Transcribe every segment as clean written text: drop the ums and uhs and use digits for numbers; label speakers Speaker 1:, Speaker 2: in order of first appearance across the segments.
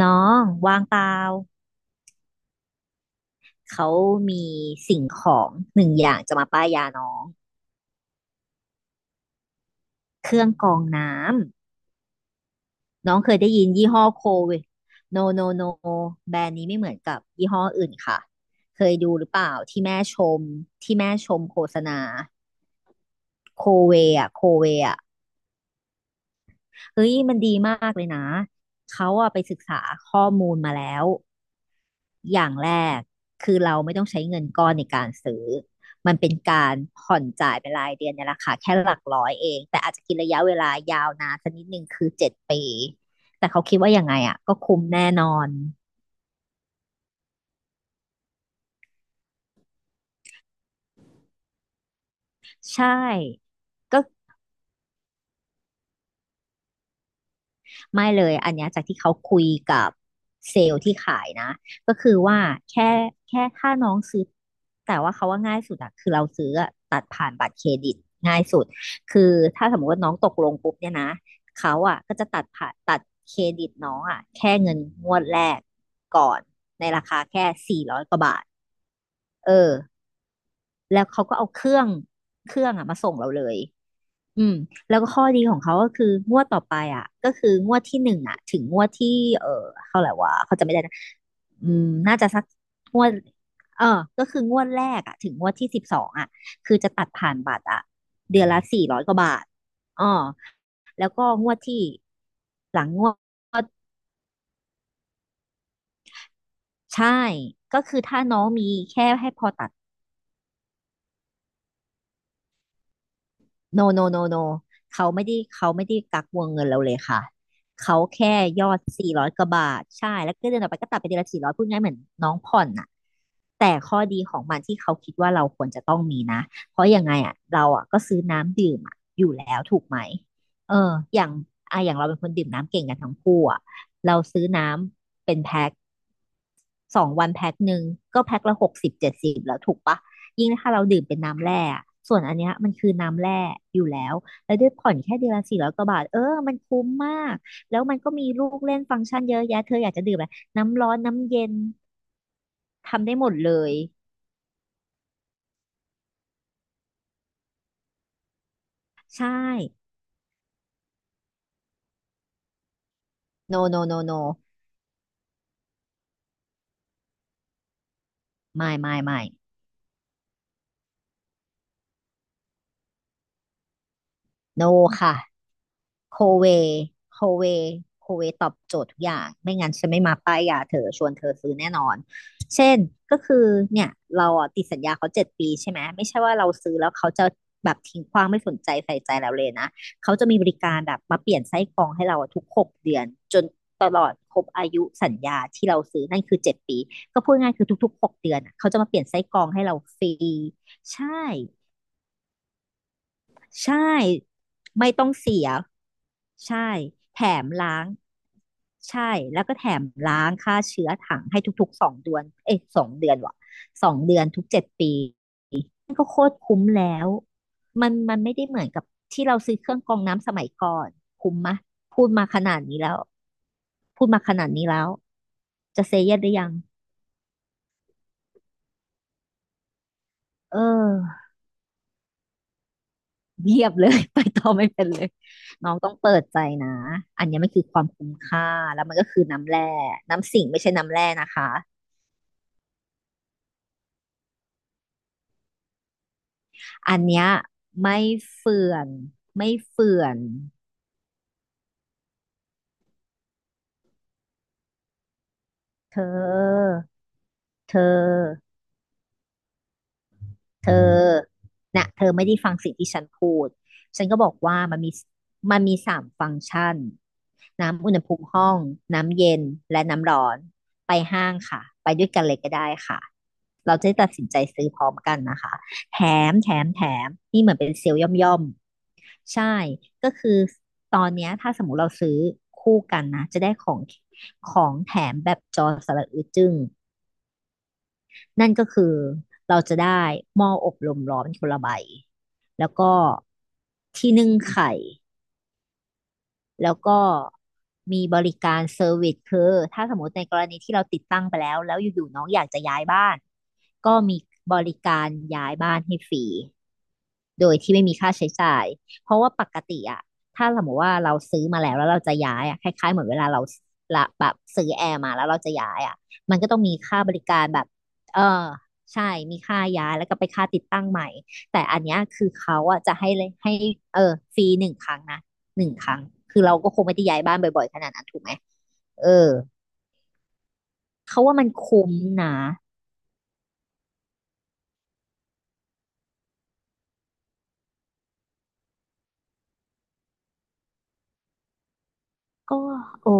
Speaker 1: น้องว่างเปล่าเขามีสิ่งของหนึ่งอย่างจะมาป้ายยาน้อง เครื่องกรองน้ำน้องเคยได้ยินยี่ห้อโคเวทโนโนโนแบรนด์นี้ไม่เหมือนกับยี่ห้ออื่นค่ะเคยดูหรือเปล่าที่แม่ชมที่แม่ชมโฆษณาโคเวโคเวอะเฮ้ยมันดีมากเลยนะเขาอะไปศึกษาข้อมูลมาแล้ว อย่างแรกคือเราไม่ต้องใช้เงินก้อนในการซื้อมันเป็นการผ่อนจ่ายเป็นรายเดือนในราคาแค่หลักร้อยเองแต่อาจจะกินระยะเวลายาวนานสักนิดหนึ่งคือเจ็ดปีแต่เขาคิดว่ายังไงอ่ะก็คุ้มแน่นอนใช่ก็ไม่เลยอันเนี้ยจากที่เขาคุยกับเซลล์ที่ขายนะก็คือว่าแค่แค่ถ้าน้องซื้อแต่ว่าเขาว่าง่ายสุดอะคือเราซื้ออะ ง่ายสุด คือถ้าสมมติว่าน้องตกลงปุ๊บเนี่ยนะ เขาอ่ะก็จะตัดผ่าตัดเครดิตน้องอ่ะแค่เงินงวดแรกก่อนในราคาแค่สี่ร้อยกว่าบาทเออแล้วเขาก็เอาเครื่องอ่ะมาส่งเราเลย อืมแล้วก็ข้อดีของเขาก็คืองวดต่อไปอ่ะก็คืองวดที่หนึ่งอ่ะถึงงวดที่เออเท่าไหร่วะเขาจะไม่ได้นะอืมน่าจะสักงวดเออก็คืองวดแรกอ่ะถึงงวดที่12อ่ะคือจะตัดผ่านบัตรอ่ะเดือนละสี่ร้อยกว่าบาทอ๋อแล้วก็งวดที่หลังงวดใช่ก็คือถ้าน้องมีแค่ให้พอตัด โนโนโนโนเขาไม่ได้กักวงเงินเราเลยค่ะเขาแค่ยอดสี่ร้อยกว่าบาทใช่แล้วก็เดือนต่อไปก็ตัดไปเดือนละสี่ร้อยพูดง่ายเหมือนน้องผ่อนน่ะแต่ข้อดีของมันที่เขาคิดว่าเราควรจะต้องมีนะเพราะยังไงอ่ะเราอ่ะก็ซื้อน้ำดื่มอะอยู่แล้วถูกไหมเอออย่างอ่ะอย่างเราเป็นคนดื่มน้ำเก่งกันทั้งคู่อ่ะเราซื้อน้ำเป็นแพ็ค 2 วันแพ็คหนึ่งก็แพ็คละ60 70แล้วถูกปะยิ่งถ้าเราดื่มเป็นน้ำแร่ส่วนอันเนี้ยมันคือน้ำแร่อยู่แล้วแล้วด้วยผ่อนแค่เดือนละสี่ร้อยกว่าบาทมันคุ้มมากแล้วมันก็มีลูกเล่นฟังก์ชันเยอะแยะเธออยากจะดื่มอะไรน้ำร้อนน้ำเย็นทำได้หมดเลยใช่ no no no no ไม่ไม่ไม่ no ค่ะ โคเวโคเวโคเวตอบโจทย์ทุกอย่างไม่งั้นฉันไม่มาป้ายยาเธอชวนเธอซื้อแน่นอนเช่นก็คือเนี่ยเราอ่ะติดสัญญาเขาเจ็ดปีใช่ไหมไม่ใช่ว่าเราซื้อแล้วเขาจะแบบทิ้งขว้างไม่สนใจใส่ใจเราเลยนะเขาจะมีบริการแบบมาเปลี่ยนไส้กรองให้เราอะทุกหกเดือนจนตลอดครบอายุสัญญาที่เราซื้อนั่นคือเจ็ดปีก็พูดง่ายคือทุกๆหกเดือนอะเขาจะมาเปลี่ยนไส้กรองให้เราฟรีใช่ใช่ไม่ต้องเสีย ใช่ แถมล้างใช่แล้วก็แถมล้างฆ่าเชื้อถังให้ทุกๆสองเดือนเอ้ยสองเดือนว่ะสองเดือนทุกเจ็ดปีมันก็โคตรคุ้มแล้วมันไม่ได้เหมือนกับที่เราซื้อเครื่องกรองน้ำสมัยก่อนคุ้มมะพูดมาขนาดนี้แล้วพูดมาขนาดนี้แล้ว จะเซ y ย e s หรือยังเออเงียบเลย ไปต่อไม่เป็นเลย น้องต้องเปิดใจนะ อันเนี้ยมันคือความคุ้มค่า แล้วมันก็คือน้ำแร่น้ำสิงไม่ใช่น้ำแร่นะคะ อันเนี้ยไม่เฟื่อนไม่เฟื่อนเธอเธอเธอน่ะเธอไม่ได้ฟังสิ่งที่ฉันพูดฉันก็บอกว่ามันมี3 ฟังก์ชันน้ำอุณหภูมิห้องน้ำเย็นและน้ำร้อนไปห้างค่ะไปด้วยกันเลยก็ได้ค่ะเราจะได้ตัดสินใจซื้อพร้อมกันนะคะแถแถมนี่เหมือนเป็นเซลล์ย่อมย่อม ใช่ ก็คือตอนเนี้ยถ้าสมมติเราซื้อคู่กันนะจะได้ของของแถมแบบจอสระอึดจึ้งนั่นก็คือเราจะได้หม้ออบลมร้อนคนละใบแล้วก็ที่นึ่งไข่ แล้วก็มีบริการเซอร์วิสคือถ้าสมมติในกรณีที่เราติดตั้งไปแล้วอยู่ๆน้องอยากจะย้ายบ้านก็มีบริการย้ายบ้านให้ฟรีโดยที่ไม่มีค่าใช้จ่ายเพราะว่าปกติอะถ้าสมมติว่าเราซื้อมาแล้วเราจะย้ายอะคล้ายๆเหมือนเวลาเราละแบบซื้อแอร์มาแล้วเราจะย้ายอะมันก็ต้องมีค่าบริการแบบเออใช่มีค่าย้ายแล้วก็ไปค่าติดตั้งใหม่แต่อันเนี้ยคือเขาอะจะให้เลยให้เออฟรีหนึ่งครั้งนะ หนึ่งครั้ง คือเราก็คงไม่ได้ย้ายบ้านบ่อยๆขนาดนั้นถูกไหม เออ เขาว่ามันคุ้มนะ ก็โอ้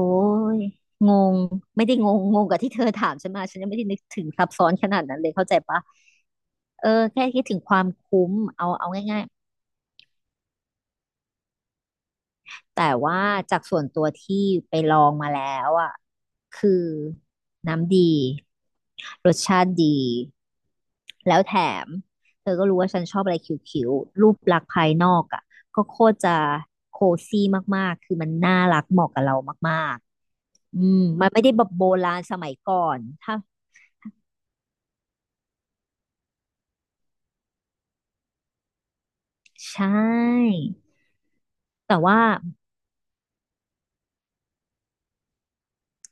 Speaker 1: ยงง ไม่ได้งงงงกับที่เธอถามฉันมาฉันยังไม่ได้นึกถึงซับซ้อนขนาดนั้นเลยเข้าใจปะเออแค่คิดถึงความคุ้มเอาง่าย แต่ว่าจากส่วนตัวที่ไปลองมาแล้วอ่ะคือน้ำดีรสชาติดีแล้วแถมเธอก็รู้ว่าฉันชอบอะไรคิ้วๆรูปลักษณ์ภายนอกอ่ะก็โคตรจะโคซี่มากๆคือมันน่ารักเหมาะกับเรามากๆอืมมันไม่ได้แบบโบราณสมัยก่อนถ้าใช่แต่ว่า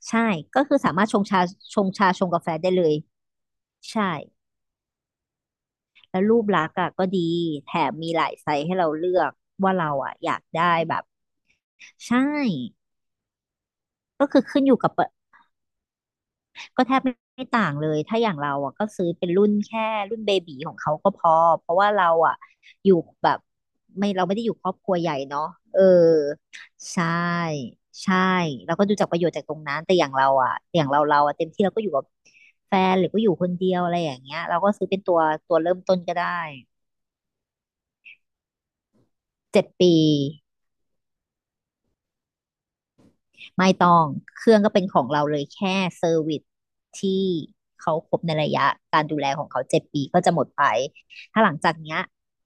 Speaker 1: ใช่ก็คือสามารถชงชาชงกาแฟได้เลยใช่ แล้วรูปลักษณ์อ่ะก็ดี แถมมีหลายไซส์ให้เราเลือกว่าเราอ่ะอยากได้แบบใช่ ก็คือขึ้นอยู่กับเปิดก็แทบไม่ต่างเลย ถ้าอย่างเราอ่ะก็ซื้อเป็นรุ่นแค่รุ่นเบบีของเขาก็พอ เพราะว่าเราอ่ะอยู่แบบไม่เราไม่ได้อยู่ครอบครัวใหญ่เนาะเออใช่ใช่เราก็ดูจากประโยชน์จากตรงนั้นแต่อย่างเราอ่ะอย่างเราอ่ะเต็มที่เราก็อยู่กับแฟนหรือก็อยู่คนเดียวอะไรอย่างเงี้ยเราก็ซื้อเป็นตัวตัวเริ่มต้นก็ได้เจ็ดปี ไม่ต้องเครื่องก็เป็นของเราเลย แค่เซอร์วิสที่เขาครบในระยะการดูแลของเขาเจ็ดปีก็จะหมดไป ถ้าหลังจากเนี้ย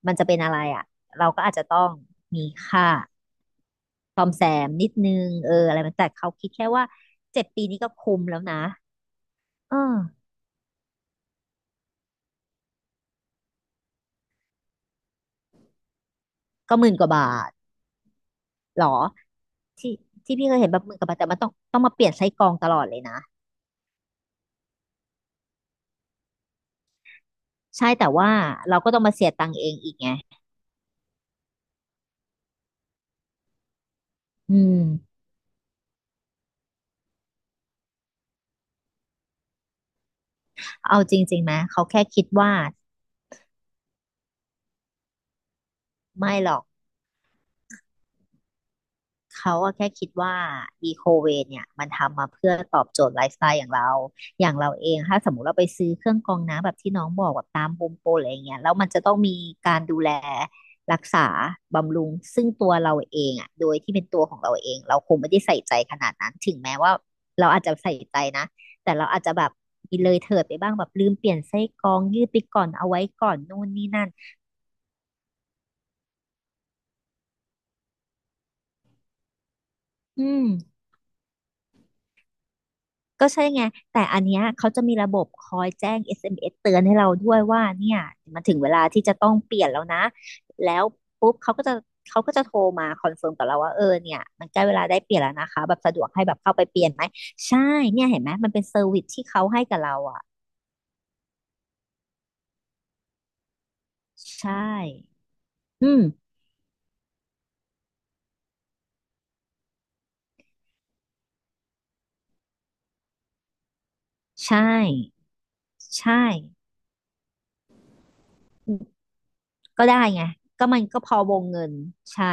Speaker 1: มันจะเป็นอะไรอ่ะเราก็อาจจะต้องมีค่าซ่อมแซมนิดนึงเอออะไรมันแต่เขาคิดแค่ว่าเจ็ดปีนี้ก็คุ้มแล้วนะเออก็หมื่นกว่าบาทหรอที่ที่พี่เคยเห็นแบบหมื่นกว่าบาทแต่มันต้องมาเปลี่ยนไส้กรองตลอดเลยนะ ใช่แต่ว่าเราก็ต้องมาเสียตังค์เองอีกไงอืมเอาจริงๆไหมเขาแค่คิดว่า ไม่หรอก เขาก็แค่คิดว่าอีโคเวเนี่ยมันทำมาเพื่อตอบโจทย์ไลฟ์สไตล์อย่างเรา อย่างเราเอง ถ้าสมมติเราไปซื้อเครื่องกรองน้ำแบบที่น้องบอกแบบตามโฮมโปรอะไรอย่างเงี้ยแล้วมันจะต้องมีการดูแลรักษาบำรุงซึ่งตัวเราเองอ่ะโดยที่เป็นตัวของเราเองเราคงไม่ได้ใส่ใจขนาดนั้นถึงแม้ว่าเราอาจจะใส่ใจนะแต่เราอาจจะแบบมีเลยเถิดไปบ้างแบบลืมเปลี่ยนไส้กรองยืดไปก่อนเอาไว้ก่อนนู่นนี่นั่นอืม ก็ใช่ไงแต่อันเนี้ยเขาจะมีระบบคอยแจ้ง SMS เอ็มเอสเตือนให้เราด้วยว่าเนี่ยมันถึงเวลาที่จะต้องเปลี่ยนแล้วนะแล้วปุ๊บเขาก็จะโทรมาคอนเฟิร์มกับเราว่าเออเนี่ยมันใกล้เวลาได้เปลี่ยนแล้วนะคะแบบสะดวกให้แบบเข้าไปเปลี่ยนไหมใช่เนี่ยเห็นไหมมันเป็นเซอร์วิสที่เขาให้กับเราอ่ะใช่อืมใช่ใช่ก็ได้ไงก็มันก็พอวงเงินใช่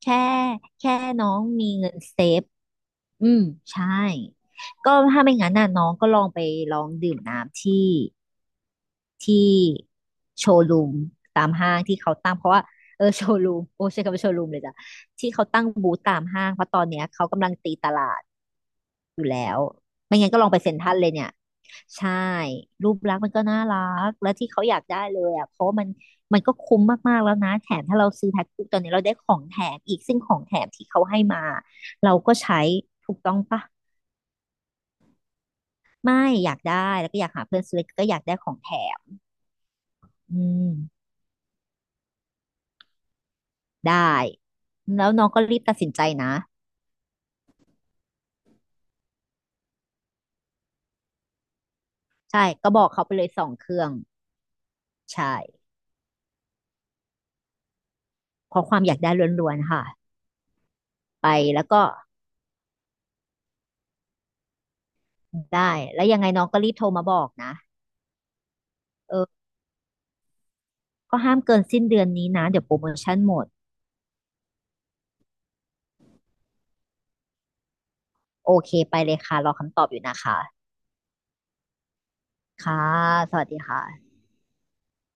Speaker 1: แค่แค่น้องมีเงินเซฟ อืมใช่ก็ถ้าไม่งั้นน่ะน้องก็ลองไปลองดื่มน้ำที่ที่โชว์รูมตามห้างที่เขาตั้งเพราะว่าเออโชว์รูมโอ้ใช่คำว่าโชว์รูมเลยจ้ะที่เขาตั้งบูธตามห้างเพราะตอนเนี้ยเขากำลังตีตลาดอยู่แล้วไม่งั้นก็ลองไปเซ็นทรัลเลยเนี่ยใช่รูปลักษณ์มันก็น่ารักและที่เขาอยากได้เลยอ่ะเพราะมันก็คุ้มมากๆแล้วนะแถมถ้าเราซื้อแพ็คคู่ตอนนี้เราได้ของแถมอีกซึ่งของแถมที่เขาให้มาเราก็ใช้ถูกต้องปะ ไม่อยากได้แล้วก็อยากหาเพื่อนซื้อก็อยากได้ของแถมอืมได้แล้วน้องก็รีบตัดสินใจนะใช่ก็บอกเขาไปเลยสองเครื่องใช่เพราะความอยากได้ล้วนๆค่ะไปแล้วก็ได้แล้วยังไงน้องก็รีบโทรมาบอกนะเออก็ห้ามเกินสิ้นเดือนนี้นะเดี๋ยวโปรโมชั่นหมดโอเคไปเลยค่ะรอคำตอบอยู่นะคะค่ะสวัสดีค่ะ